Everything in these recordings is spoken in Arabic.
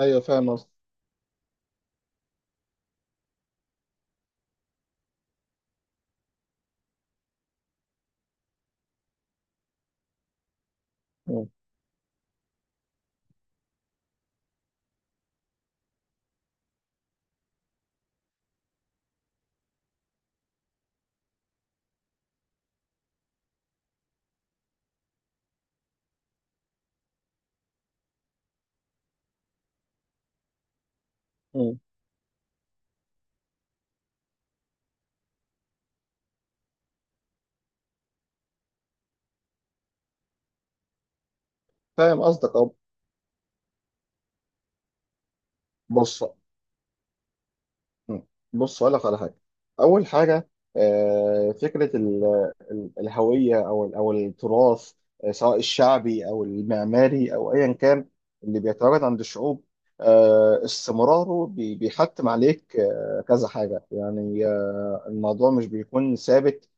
ايوه، فاهم قصدك. مم. مم. فاهم قصدك، اه. بص. مم. بص، أقول لك على حاجة. أول حاجة، فكرة الهوية أو أو التراث، سواء الشعبي أو المعماري أو أيا كان، اللي بيتواجد عند الشعوب. استمراره بيحتم عليك كذا حاجة، يعني الموضوع مش بيكون ثابت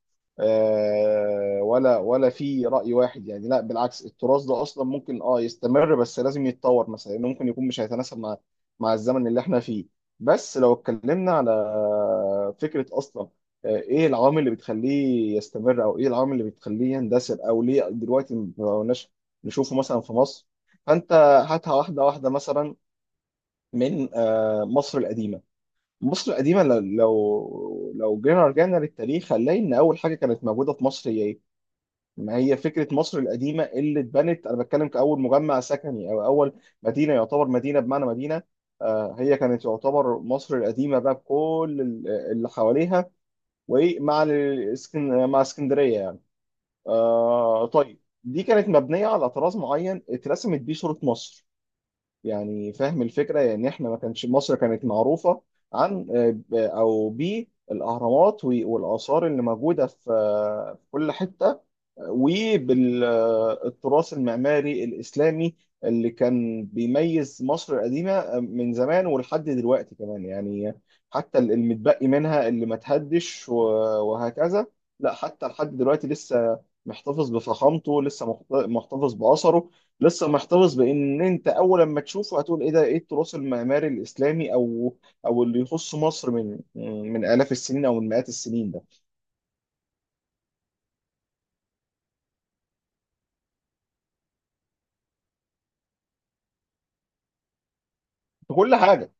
ولا في رأي واحد، يعني لا، بالعكس، التراث ده أصلا ممكن يستمر، بس لازم يتطور مثلا، لأنه ممكن يكون مش هيتناسب مع الزمن اللي احنا فيه. بس لو اتكلمنا على فكرة أصلا، إيه العوامل اللي بتخليه يستمر أو إيه العوامل اللي بتخليه يندثر، أو ليه دلوقتي ما بقناش نشوفه مثلا في مصر؟ فأنت، هاتها واحدة واحدة مثلا، من مصر القديمة. مصر القديمة، لو جينا رجعنا للتاريخ، هنلاقي إن أول حاجة كانت موجودة في مصر، ما هي فكرة مصر القديمة اللي اتبنت. أنا بتكلم كأول مجمع سكني، أو أول مدينة، يعتبر مدينة بمعنى مدينة. هي كانت يعتبر مصر القديمة بقى، بكل اللي حواليها، ومع مع اسكندرية يعني. طيب، دي كانت مبنية على طراز معين، اترسمت بيه صورة مصر، يعني فاهم الفكرة؟ يعني إحنا ما كانش مصر كانت معروفة عن أو بالأهرامات والآثار اللي موجودة في كل حتة، وبالتراث المعماري الإسلامي اللي كان بيميز مصر القديمة من زمان ولحد دلوقتي كمان، يعني حتى المتبقي منها اللي ما تهدش وهكذا. لا، حتى لحد دلوقتي لسه محتفظ بفخامته، لسه محتفظ بأثره، لسه محتفظ بإن أنت أول لما تشوفه هتقول إيه ده، إيه التراث المعماري الإسلامي أو اللي يخص مصر من آلاف السنين، أو من مئات السنين ده، في كل حاجة.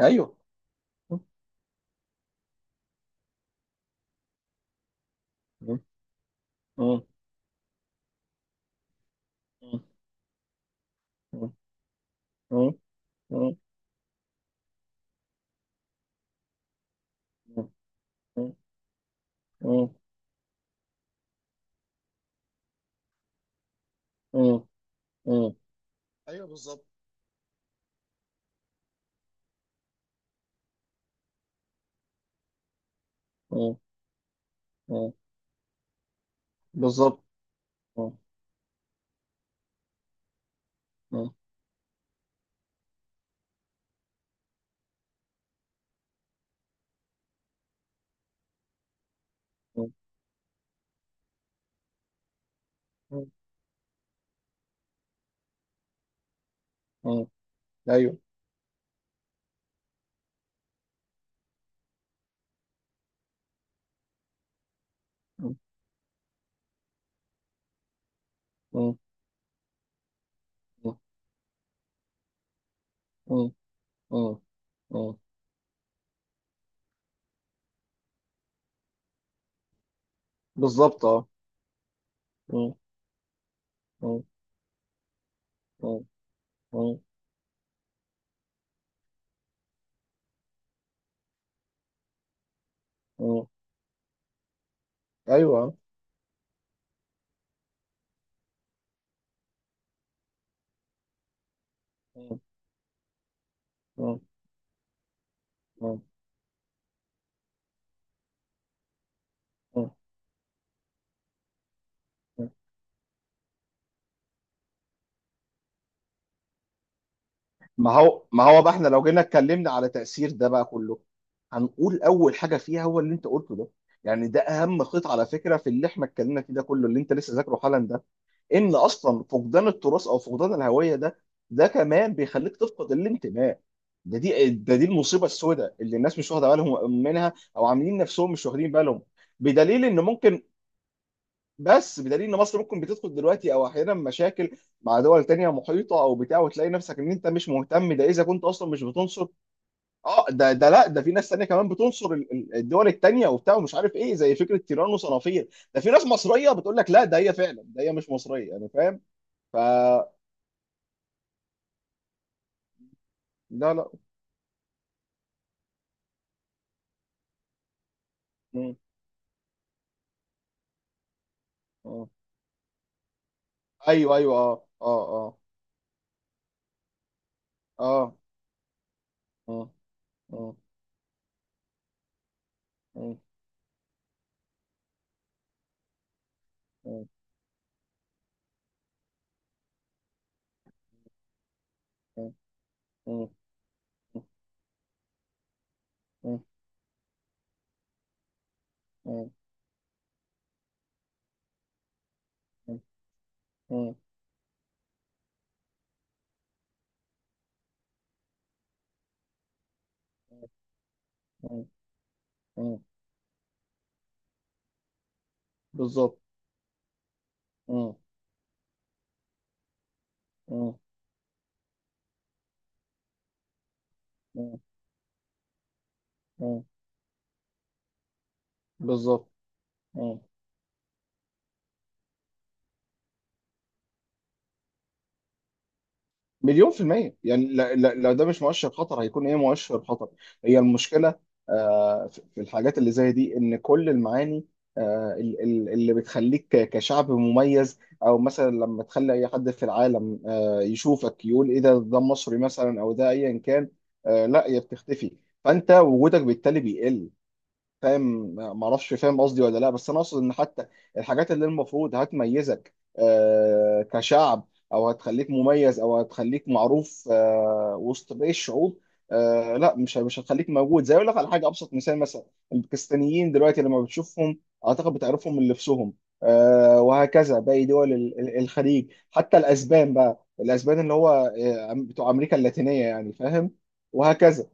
أيوه. ايوه، بالظبط. بالظبط. ايوه. بالظبط. اه. ايوه. ما هو بقى احنا لو جينا اتكلمنا على تأثير ده بقى كله، هنقول أول حاجة فيها هو اللي أنت قلته ده، يعني ده أهم خيط على فكرة في اللي احنا اتكلمنا فيه ده كله، اللي أنت لسه ذاكره حالا ده، إن أصلا فقدان التراث أو فقدان الهوية ده، ده كمان بيخليك تفقد الانتماء. ده دي المصيبة السوداء، اللي الناس مش واخدة بالهم منها، أو عاملين نفسهم مش واخدين بالهم، بدليل إن ممكن. بس بدليل ان مصر ممكن بتدخل دلوقتي، او احيانا مشاكل مع دول تانية محيطه او بتاع، وتلاقي نفسك ان انت مش مهتم، ده اذا كنت اصلا مش بتنصر. اه، ده لا، ده في ناس تانية كمان بتنصر الدول التانية وبتاع، ومش عارف ايه، زي فكره تيران وصنافير، ده في ناس مصريه بتقول لك لا، ده هي فعلا، ده هي مش مصريه يعني، فاهم؟ ف لا، لا. مم. آه. ايوه، ايوه، اه، اه، اه، اه، اه، اه، اه، اه، اه، اه، اه، اه، اه، اه، اه. بالظبط. مم. مم. بالظبط. مم. 1,000,000% يعني. لا، لا، لو ده مش مؤشر خطر، هيكون ايه مؤشر خطر؟ هي المشكلة في الحاجات اللي زي دي، ان كل المعاني اللي بتخليك كشعب مميز، او مثلا لما تخلي اي حد في العالم يشوفك يقول ايه ده، ده مصري مثلا او ده ايا كان، لا، هي بتختفي، فانت وجودك بالتالي بيقل، فاهم؟ ما اعرفش، فاهم قصدي ولا لا؟ بس انا اقصد ان حتى الحاجات اللي المفروض هتميزك كشعب، او هتخليك مميز، او هتخليك معروف وسط باقي الشعوب، لا، مش هتخليك موجود. زي، اقول لك على حاجه، ابسط مثال مثلا الباكستانيين، دلوقتي لما بتشوفهم اعتقد بتعرفهم من لبسهم، وهكذا باقي دول الخليج، حتى الاسبان بقى، الاسبان اللي هو بتوع امريكا اللاتينيه، يعني فاهم؟ وهكذا.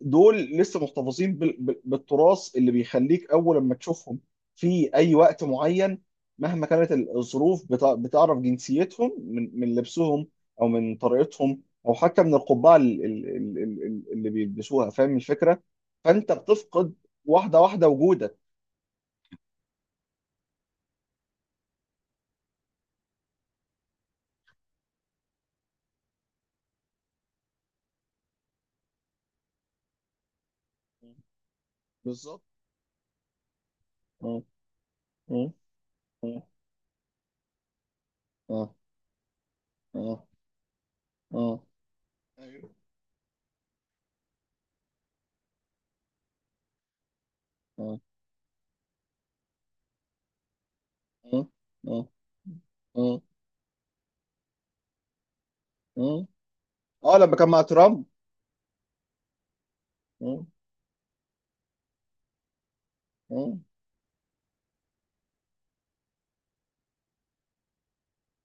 دول لسه محتفظين بالتراث، اللي بيخليك اول لما تشوفهم في اي وقت معين، مهما كانت الظروف، بتعرف جنسيتهم من لبسهم، او من طريقتهم، او حتى من القبعه اللي بيلبسوها، فاهم الفكره؟ فانت بتفقد واحده واحده وجودك. بالظبط. اه، اه، اه، اه، اه، اه، ايوه، اه، اه، اه، اه، اه. لما كان مع ترامب. اه، اه،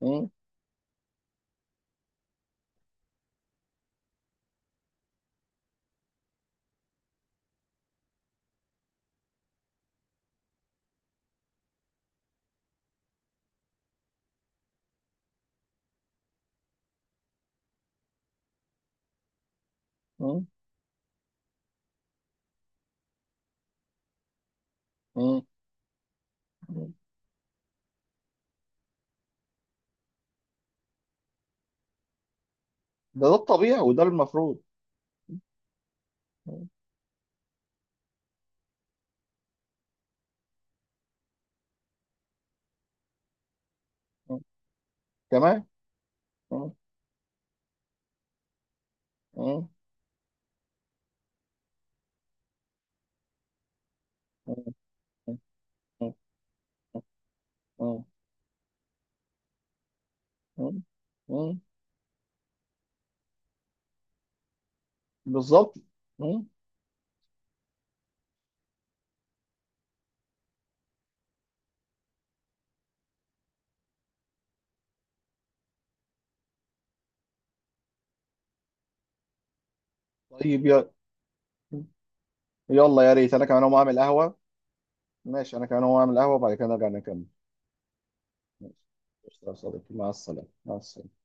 اه. مم. مم. ده الطبيعي، وده المفروض. مم. مم. تمام. مم. مم. مم. مم. مم. مم. بالظبط. مم. طيب، يلا، يا ريت انا كمان اقوم اعمل قهوة. ماشي، انا كمان اقوم اعمل قهوة، وبعد كده نرجع نكمل. ماشي. قشطة يا صديقي، مع السلامة، مع السلامة.